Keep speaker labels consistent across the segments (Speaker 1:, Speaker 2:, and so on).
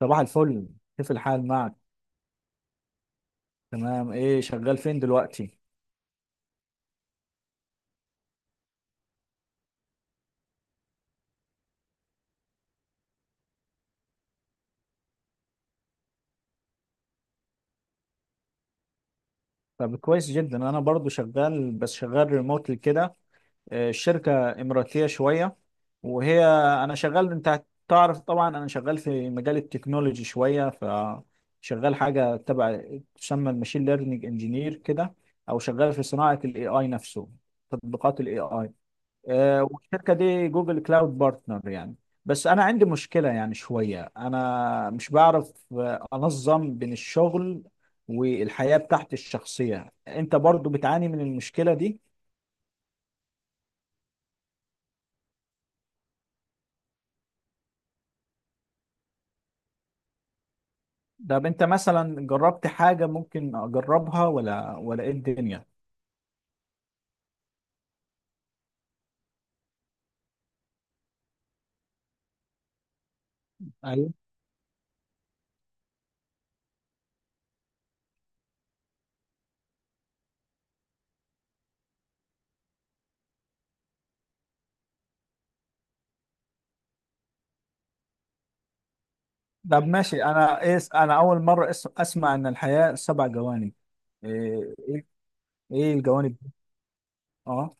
Speaker 1: صباح الفل. كيف الحال معك؟ تمام، ايه شغال فين دلوقتي؟ طب كويس جدا، انا برضو شغال بس شغال ريموتلي كده. الشركة اماراتية شوية. وهي انا شغال، انت تعرف طبعا انا شغال في مجال التكنولوجي شوية، فشغال حاجة تبع تسمى الماشين ليرنينج انجينير كده، او شغال في صناعة الاي اي نفسه، تطبيقات الاي اي. والشركه دي جوجل كلاود بارتنر يعني. بس انا عندي مشكله يعني شويه انا مش بعرف انظم بين الشغل والحياه بتاعتي الشخصيه. انت برضو بتعاني من المشكله دي؟ طب انت مثلا جربت حاجه ممكن اجربها، ولا ايه الدنيا؟ ايوه. طب ماشي، انا ايه، انا اول مره اسمع ان الحياه سبع جوانب. ايه ايه. إيه الجوانب دي؟ اه.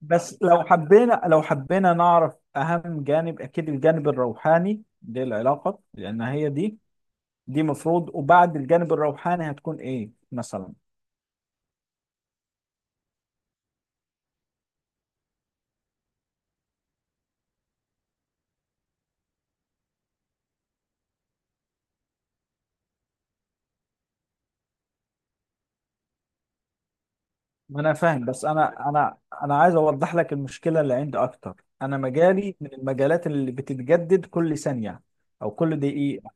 Speaker 1: بس لو حبينا نعرف أهم جانب، أكيد الجانب الروحاني للعلاقة، لأن هي دي دي مفروض. وبعد الجانب الروحاني هتكون إيه مثلا؟ ما أنا فاهم، بس أنا عايز أوضح لك المشكلة اللي عندي أكتر. أنا مجالي من المجالات اللي بتتجدد كل ثانية أو كل دقيقة.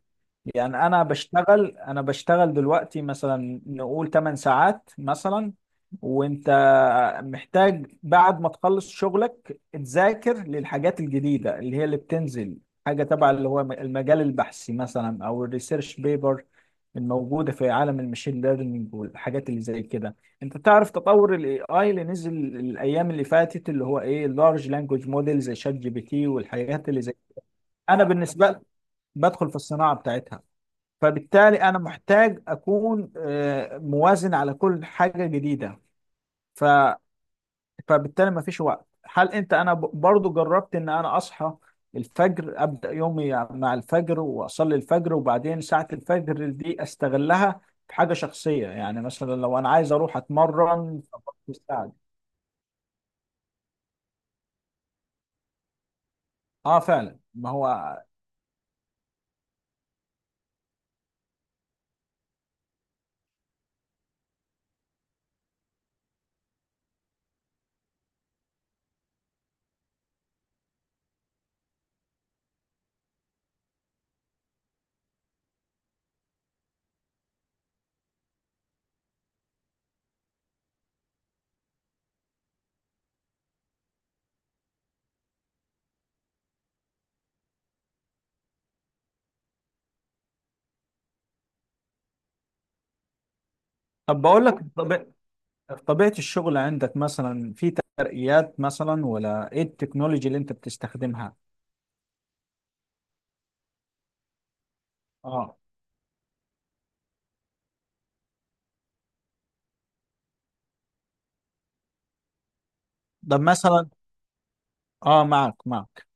Speaker 1: يعني انا بشتغل دلوقتي مثلا نقول 8 ساعات مثلا. وانت محتاج بعد ما تخلص شغلك تذاكر للحاجات الجديدة اللي هي اللي بتنزل، حاجة تبع اللي هو المجال البحثي مثلا او الريسيرش بيبر الموجودة في عالم المشين ليرنينج والحاجات اللي زي كده. انت تعرف تطور الاي اي اللي نزل الايام اللي فاتت، اللي هو ايه، لارج لانجوج موديل زي شات جي بي تي والحاجات اللي زي. انا بالنسبة لي بدخل في الصناعة بتاعتها. فبالتالي انا محتاج اكون موازن على كل حاجه جديده. ف... فبالتالي ما فيش وقت. هل انت انا ب- برضو جربت ان انا اصحى الفجر، ابدا يومي مع الفجر واصلي الفجر، وبعدين ساعه الفجر دي استغلها في حاجه شخصيه، يعني مثلا لو انا عايز اروح اتمرن في الساعه دي. اه فعلا، ما هو. طب بقول لك طبيعه الشغل عندك مثلا، في ترقيات مثلا ولا ايه التكنولوجي اللي انت بتستخدمها؟ اه. طب مثلا. اه، معك معك.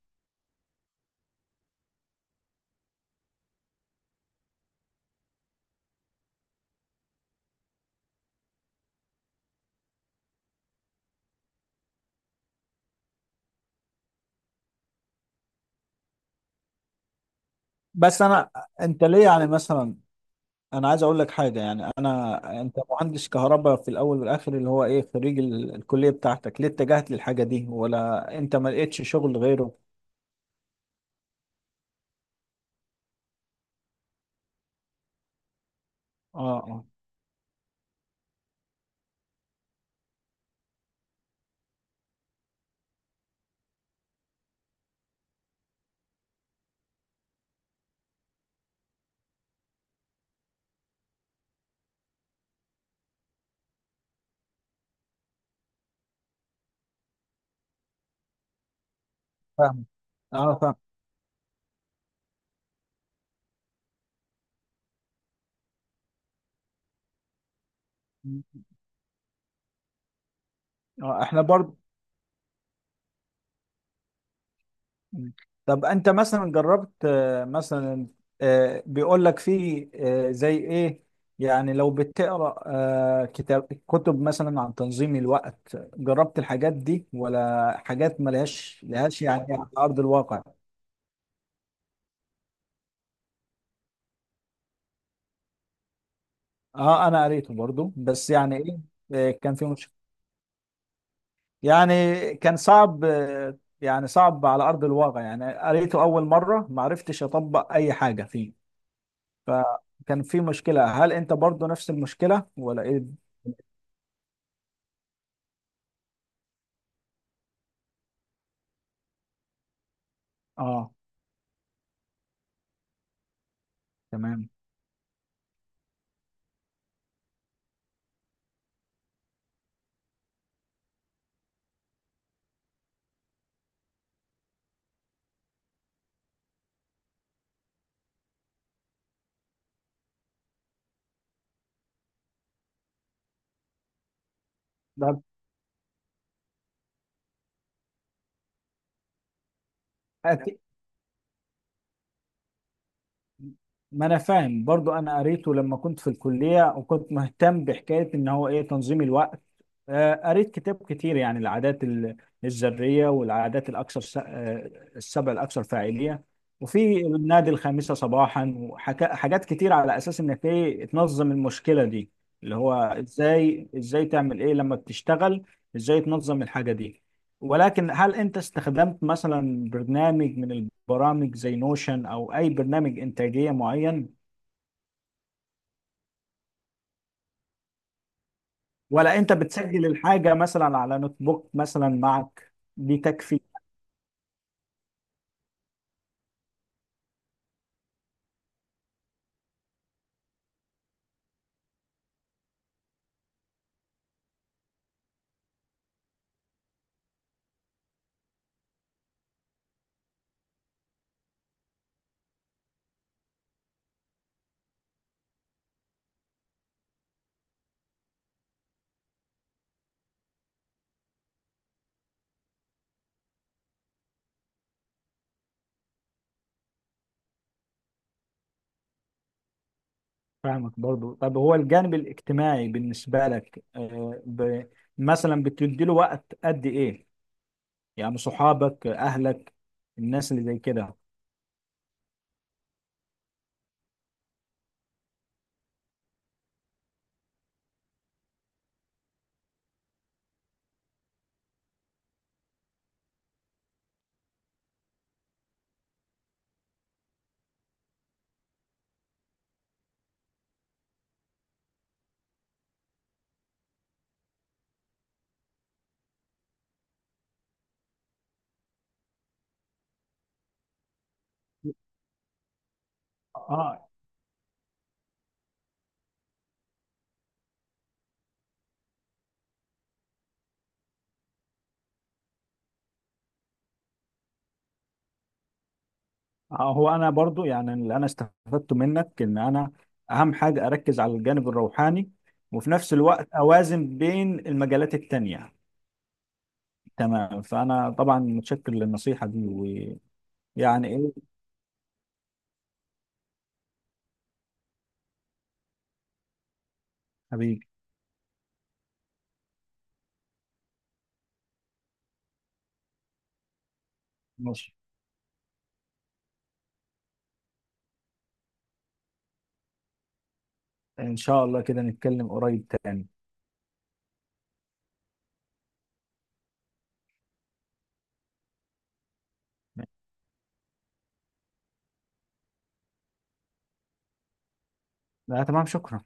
Speaker 1: بس انا، انت ليه يعني مثلا؟ انا عايز اقول لك حاجه، يعني انا انت مهندس كهرباء في الاول والاخر، اللي هو ايه، خريج الكليه بتاعتك، ليه اتجهت للحاجه دي ولا انت ما لقيتش شغل غيره؟ اه. اه فاهم. اه فاهم. احنا برضو. مم. طب انت مثلا جربت، مثلا بيقول لك في، زي ايه، يعني لو بتقرا كتاب كتب مثلا عن تنظيم الوقت، جربت الحاجات دي ولا حاجات ملهاش يعني على ارض الواقع؟ اه انا قريته برضو، بس يعني ايه، كان في مشكله. يعني كان صعب، يعني صعب على ارض الواقع، يعني قريته اول مره ما عرفتش اطبق اي حاجه فيه. ف- كان في مشكلة، هل انت برضو نفس المشكلة ولا ايه؟ اه. تمام. ده أت- ما انا فاهم برضو، انا قريته لما كنت في الكليه وكنت مهتم بحكايه ان هو ايه تنظيم الوقت. قريت كتاب كتير، يعني العادات الذرية، والعادات الأكثر السبع الأكثر فاعلية، وفي النادي الخامسة صباحا، وحاجات كتير على أساس إنك إيه تنظم المشكلة دي، اللي هو إزاي تعمل إيه لما بتشتغل، إزاي تنظم الحاجة دي. ولكن هل أنت استخدمت مثلا برنامج من البرامج زي نوشن أو أي برنامج إنتاجية معين؟ ولا أنت بتسجل الحاجة مثلا على نوت بوك مثلا معك؟ دي تكفي. فاهمك برضو. طب هو الجانب الاجتماعي بالنسبة لك، مثلا بتديله وقت قد ايه؟ يعني صحابك، اهلك، الناس اللي زي كده. اه. هو انا برضو يعني اللي انا استفدته منك ان انا اهم حاجة اركز على الجانب الروحاني، وفي نفس الوقت اوازن بين المجالات التانية. تمام. فانا طبعا متشكر للنصيحة دي. ويعني ايه حبيبي. ماشي. ان شاء الله كده نتكلم قريب تاني. لا تمام، شكرا.